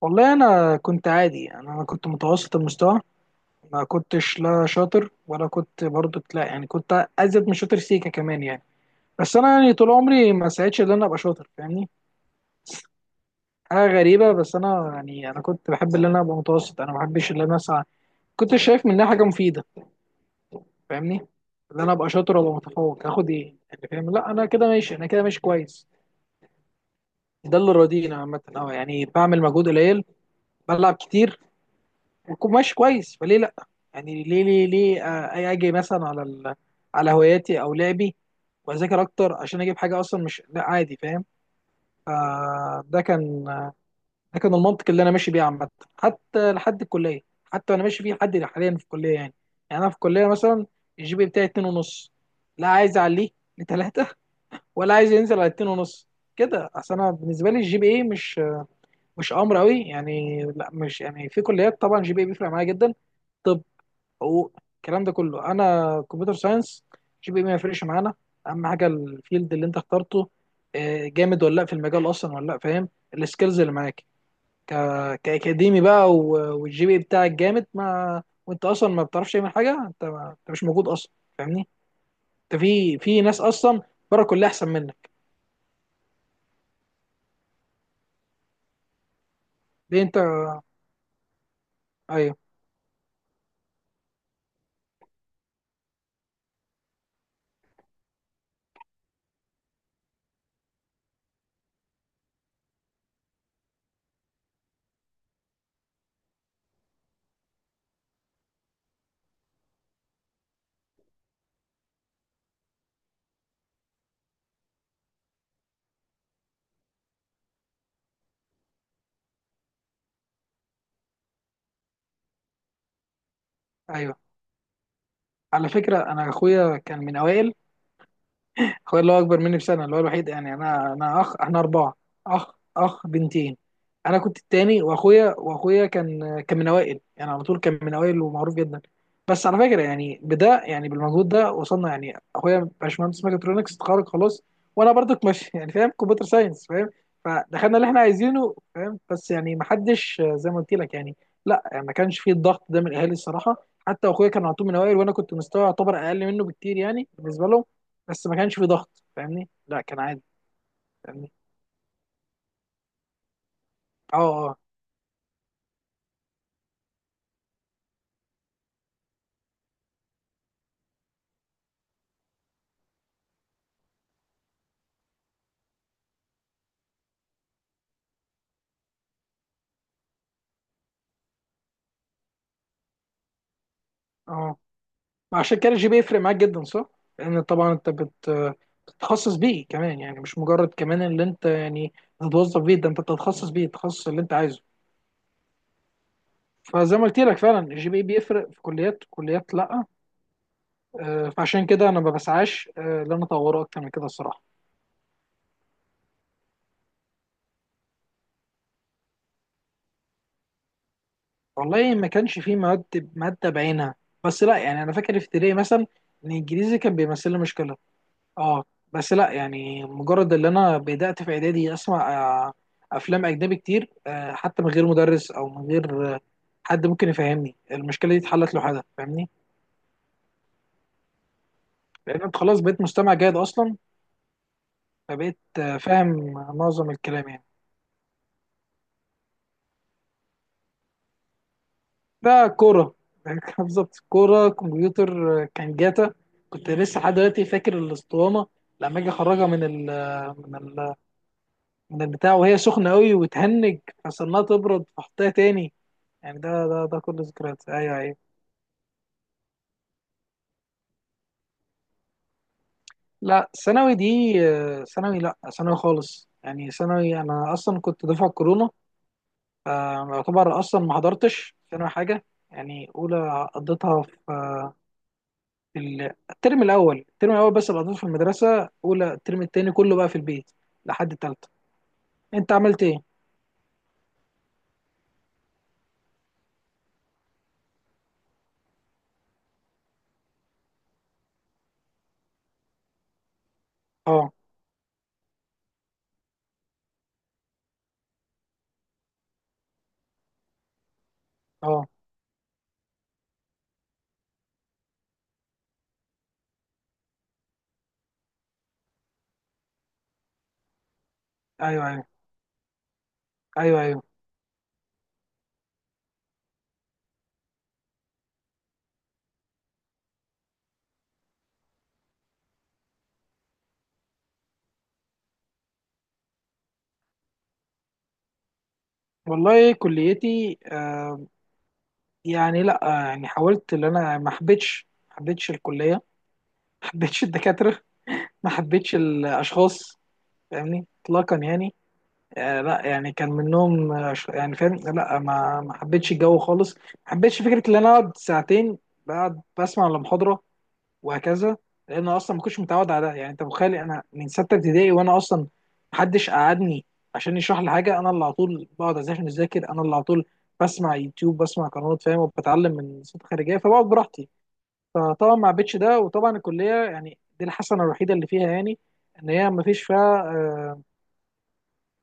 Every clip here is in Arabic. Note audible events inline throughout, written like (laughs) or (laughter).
والله انا كنت عادي، أنا كنت متوسط المستوى. ما كنتش لا شاطر ولا كنت برضو، لا يعني، كنت ازيد من شاطر سيكا كمان يعني. بس انا يعني، طول عمري ما سعيتش ان انا ابقى شاطر، فاهمني؟ حاجه غريبه. بس انا يعني، كنت بحب ان انا ابقى متوسط، انا ما بحبش ان انا اسعى. كنت شايف منها حاجه مفيده؟ فاهمني؟ ان انا ابقى شاطر ولا متفوق، هاخد ايه يعني؟ فاهم؟ لا، انا كده ماشي كويس. ده اللي راضينا عامه. اه، يعني بعمل مجهود قليل، بلعب كتير، ويكون ماشي كويس، فليه لا؟ يعني ليه؟ اجي مثلا على على هواياتي او لعبي، واذاكر اكتر عشان اجيب حاجه؟ اصلا مش، لا، عادي. فاهم؟ آه ده كان ده كان المنطق اللي انا ماشي بيه عامه، حتى لحد الكليه. حتى انا ماشي بيه لحد حاليا في الكليه يعني. يعني انا في الكليه مثلا، الجي بي بتاعي اتنين ونص، لا عايز اعليه لتلاتة، ولا عايز ينزل على اتنين ونص. كده اصل انا بالنسبه لي الجي بي اي مش امر قوي يعني. لا، مش يعني، في كليات طبعا جي بي اي بيفرق معايا جدا. طب حقوق الكلام ده كله، انا كمبيوتر ساينس، جي بي إيه ما يفرقش معانا. اهم حاجه الفيلد اللي انت اخترته، جامد ولا لا في المجال اصلا ولا لا، فاهم؟ السكيلز اللي معاك. ك... كاكاديمي بقى والجي بي إيه بتاعك جامد ما، وانت اصلا ما بتعرفش تعمل حاجه، انت مش موجود اصلا. فاهمني؟ انت في ناس اصلا بره كلها احسن منك. ليه انت؟ ايوه، ايوه. على فكره انا اخويا كان من اوائل. اخويا اللي هو اكبر مني بسنه، اللي هو الوحيد يعني. انا اخ، احنا اربعه، اخ اخ بنتين. انا كنت التاني، واخويا كان من اوائل يعني، على طول كان من اوائل ومعروف جدا. بس على فكره يعني، بده يعني بالمجهود ده وصلنا يعني. اخويا باشمهندس ميكاترونكس، اتخرج خلاص. وانا برضك ماشي (laughs) يعني فاهم، كمبيوتر ساينس، فاهم. فدخلنا اللي احنا عايزينه، فاهم. بس يعني ما حدش زي ما قلت لك يعني. لا يعني، ما كانش فيه الضغط ده من الاهالي الصراحه. حتى اخويا كان على طول من اوائل، وانا كنت مستوى يعتبر اقل منه بكتير، يعني بالنسبه لهم. بس ما كانش في ضغط، فاهمني. لا، كان عادي. فاهمني. اه، اه، اه. عشان كده الجي بي يفرق معاك جدا، صح؟ لان طبعا انت بت بتتخصص بيه كمان يعني، مش مجرد كمان اللي انت يعني بتتوظف بيه، ده انت بتتخصص بيه التخصص اللي انت عايزه. فزي ما قلت لك، فعلا الجي بي بيفرق في كليات، كليات لا. فعشان كده انا ما بسعاش ان انا اطوره اكتر من كده الصراحه. والله ما كانش فيه مواد، ماده بعينها. بس لا يعني، انا فاكر في ابتدائي مثلا، ان الانجليزي كان بيمثل لي مشكله. اه. بس لا يعني، مجرد اللي انا بدأت في اعدادي اسمع آه، افلام اجنبي كتير، حتى من غير مدرس او من غير حد ممكن يفهمني، المشكله دي اتحلت لوحدها، فاهمني؟ لان انت خلاص بقيت مستمع جيد اصلا. فبقيت فاهم معظم الكلام يعني. ده كوره (laughs) بالظبط، كوره كمبيوتر. كان جاتا. كنت لسه لحد دلوقتي فاكر الاسطوانه، لما اجي اخرجها من من ال من البتاع وهي سخنه قوي وتهنج، فصرناها تبرد فاحطها تاني. يعني ده كل ذكريات. ايوه، ايوه. لا، ثانوي دي ثانوي، لا ثانوي خالص يعني. ثانوي انا اصلا كنت دفعه كورونا، فيعتبر اصلا ما حضرتش ثانوي حاجه يعني. اولى قضيتها في الترم الاول، بس اللي قضيته في المدرسه اولى. الترم التاني كله بقى في البيت لحد التالتة. انت عملت ايه؟ اه، اه. ايوه، ايوه. ايوه، ايوه. والله كليتي، آه، يعني لا، يعني حاولت. ان انا ما حبيتش الكليه، ما حبيتش الدكاتره، ما حبيتش الاشخاص، فاهمني اطلاقا يعني. آه، لا يعني كان منهم يعني فاهم. لا ما حبيتش الجو خالص. ما حبيتش فكره ان انا اقعد ساعتين، بقعد بسمع المحاضره، وهكذا. لان أنا اصلا ما كنتش متعود على ده. يعني انت متخيل، انا من سته ابتدائي وانا اصلا ما حدش قعدني عشان يشرح لي حاجه. انا اللي على طول بقعد عشان اذاكر، انا اللي على طول بسمع يوتيوب، بسمع قنوات، فاهم، وبتعلم من صوت خارجيه، فبقعد براحتي. فطبعا ما عبيتش ده. وطبعا الكليه، يعني دي الحسنه الوحيده اللي فيها يعني، ان هي ما فيش فيها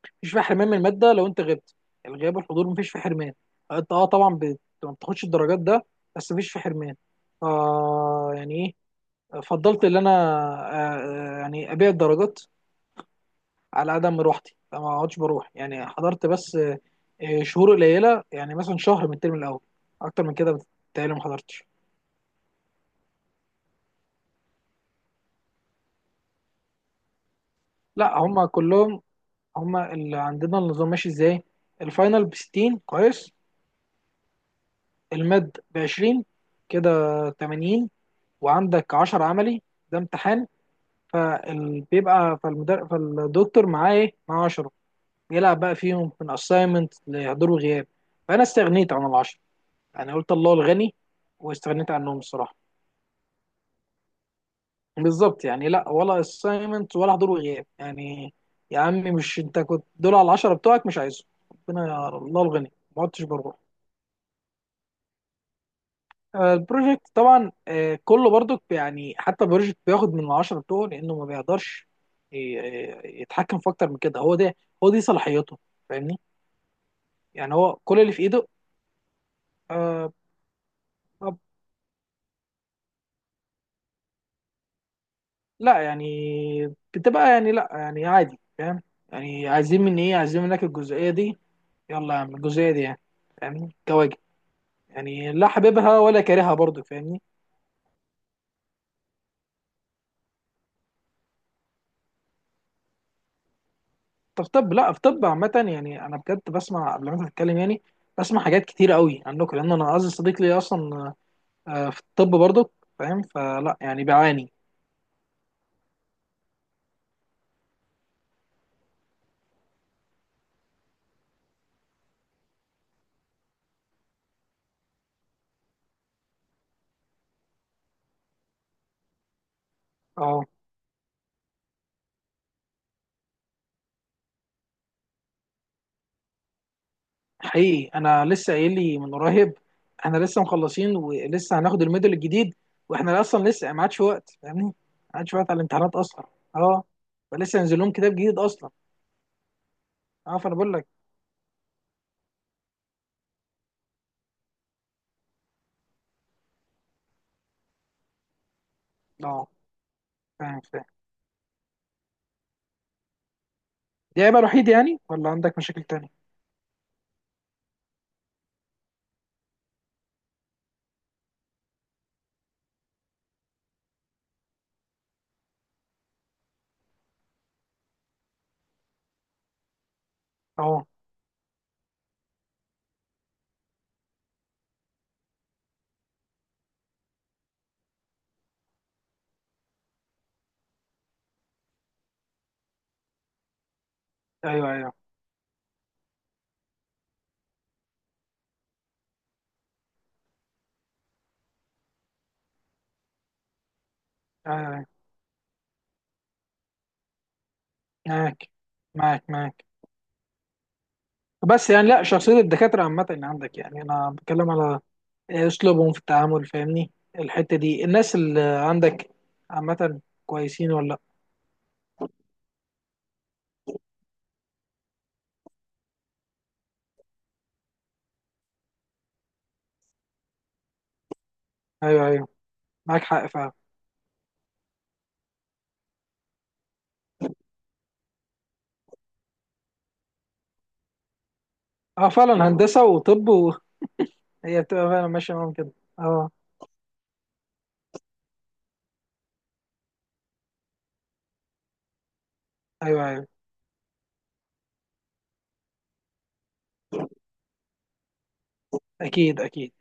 مفيش فيها حرمان من الماده لو انت غبت. الغياب والحضور ما فيش فيه حرمان. انت اه طبعا ما بتاخدش الدرجات ده، بس ما فيش فيه حرمان. آه يعني ايه. فضلت ان انا يعني ابيع الدرجات على عدم مروحتي، ما اقعدش بروح. يعني حضرت بس شهور قليله، يعني مثلا شهر من الترم الاول. اكتر من كده بتهيألي ما حضرتش. لا، هم كلهم، هما اللي عندنا النظام ماشي ازاي: الفاينل ب 60 كويس، الماد ب 20، كده 80، وعندك 10 عملي. ده امتحان. فبيبقى فالدكتور معاه ايه؟ معاه 10، بيلعب بقى فيهم من اساينمنت لحضور وغياب. فانا استغنيت عن ال 10، يعني قلت الله الغني، واستغنيت عنهم الصراحه. بالظبط يعني. لا ولا اساينمنت ولا حضور وغياب يعني. يا عمي، مش انت كنت دول؟ على ال 10 بتوعك مش عايزهم، ربنا يا الله الغني، ما عدتش بره. البروجكت طبعا كله برضو يعني. حتى البروجكت بياخد من العشرة بتوعه، لأنه ما بيقدرش يتحكم في أكتر من كده. هو ده، هو دي صلاحيته. فاهمني. يعني هو كل اللي في إيده. آه، طب لا يعني بتبقى يعني، لا يعني عادي، فاهم. يعني عايزين مني إيه؟ عايزين منك الجزئية دي، يلا يا عم الجزئية دي يعني، فاهمني كواجب. يعني لا حاببها ولا كارهها برضو، فاهمني. طب طب لا، في طب عامة يعني، أنا بجد بسمع قبل ما أنت تتكلم يعني، بسمع حاجات كتير قوي عنكم، لأن أنا أعز صديق لي أصلا في الطب برضه، فاهم، فلا يعني بعاني. أه، حقيقي أنا لسه قايل لي من قريب، إحنا لسه مخلصين ولسه هناخد الميدل الجديد. وإحنا أصلا لسه ما عادش وقت، فاهمني، ما عادش وقت على الامتحانات أصلا. أه، فلسه ينزل لهم كتاب جديد أصلا. أه، فأنا بقول لك. أه، فاهم فاهم. دي عيبة الوحيدة يعني، ولا عندك مشاكل تانية؟ أه، أيوه أيوه. أيوه أيوه. معاك، معاك معاك. بس يعني لا، شخصية الدكاترة عامة اللي عندك، يعني أنا بتكلم على أسلوبهم في التعامل، فاهمني. الحتة دي، الناس اللي عندك عامة كويسين ولا لأ؟ أيوه أيوه. معاك حق فعلا. أه، فعلا هندسة وطب وهي بتبقى فعلا ماشية معاهم كده. أه، أيوه أيوه. أكيد أكيد.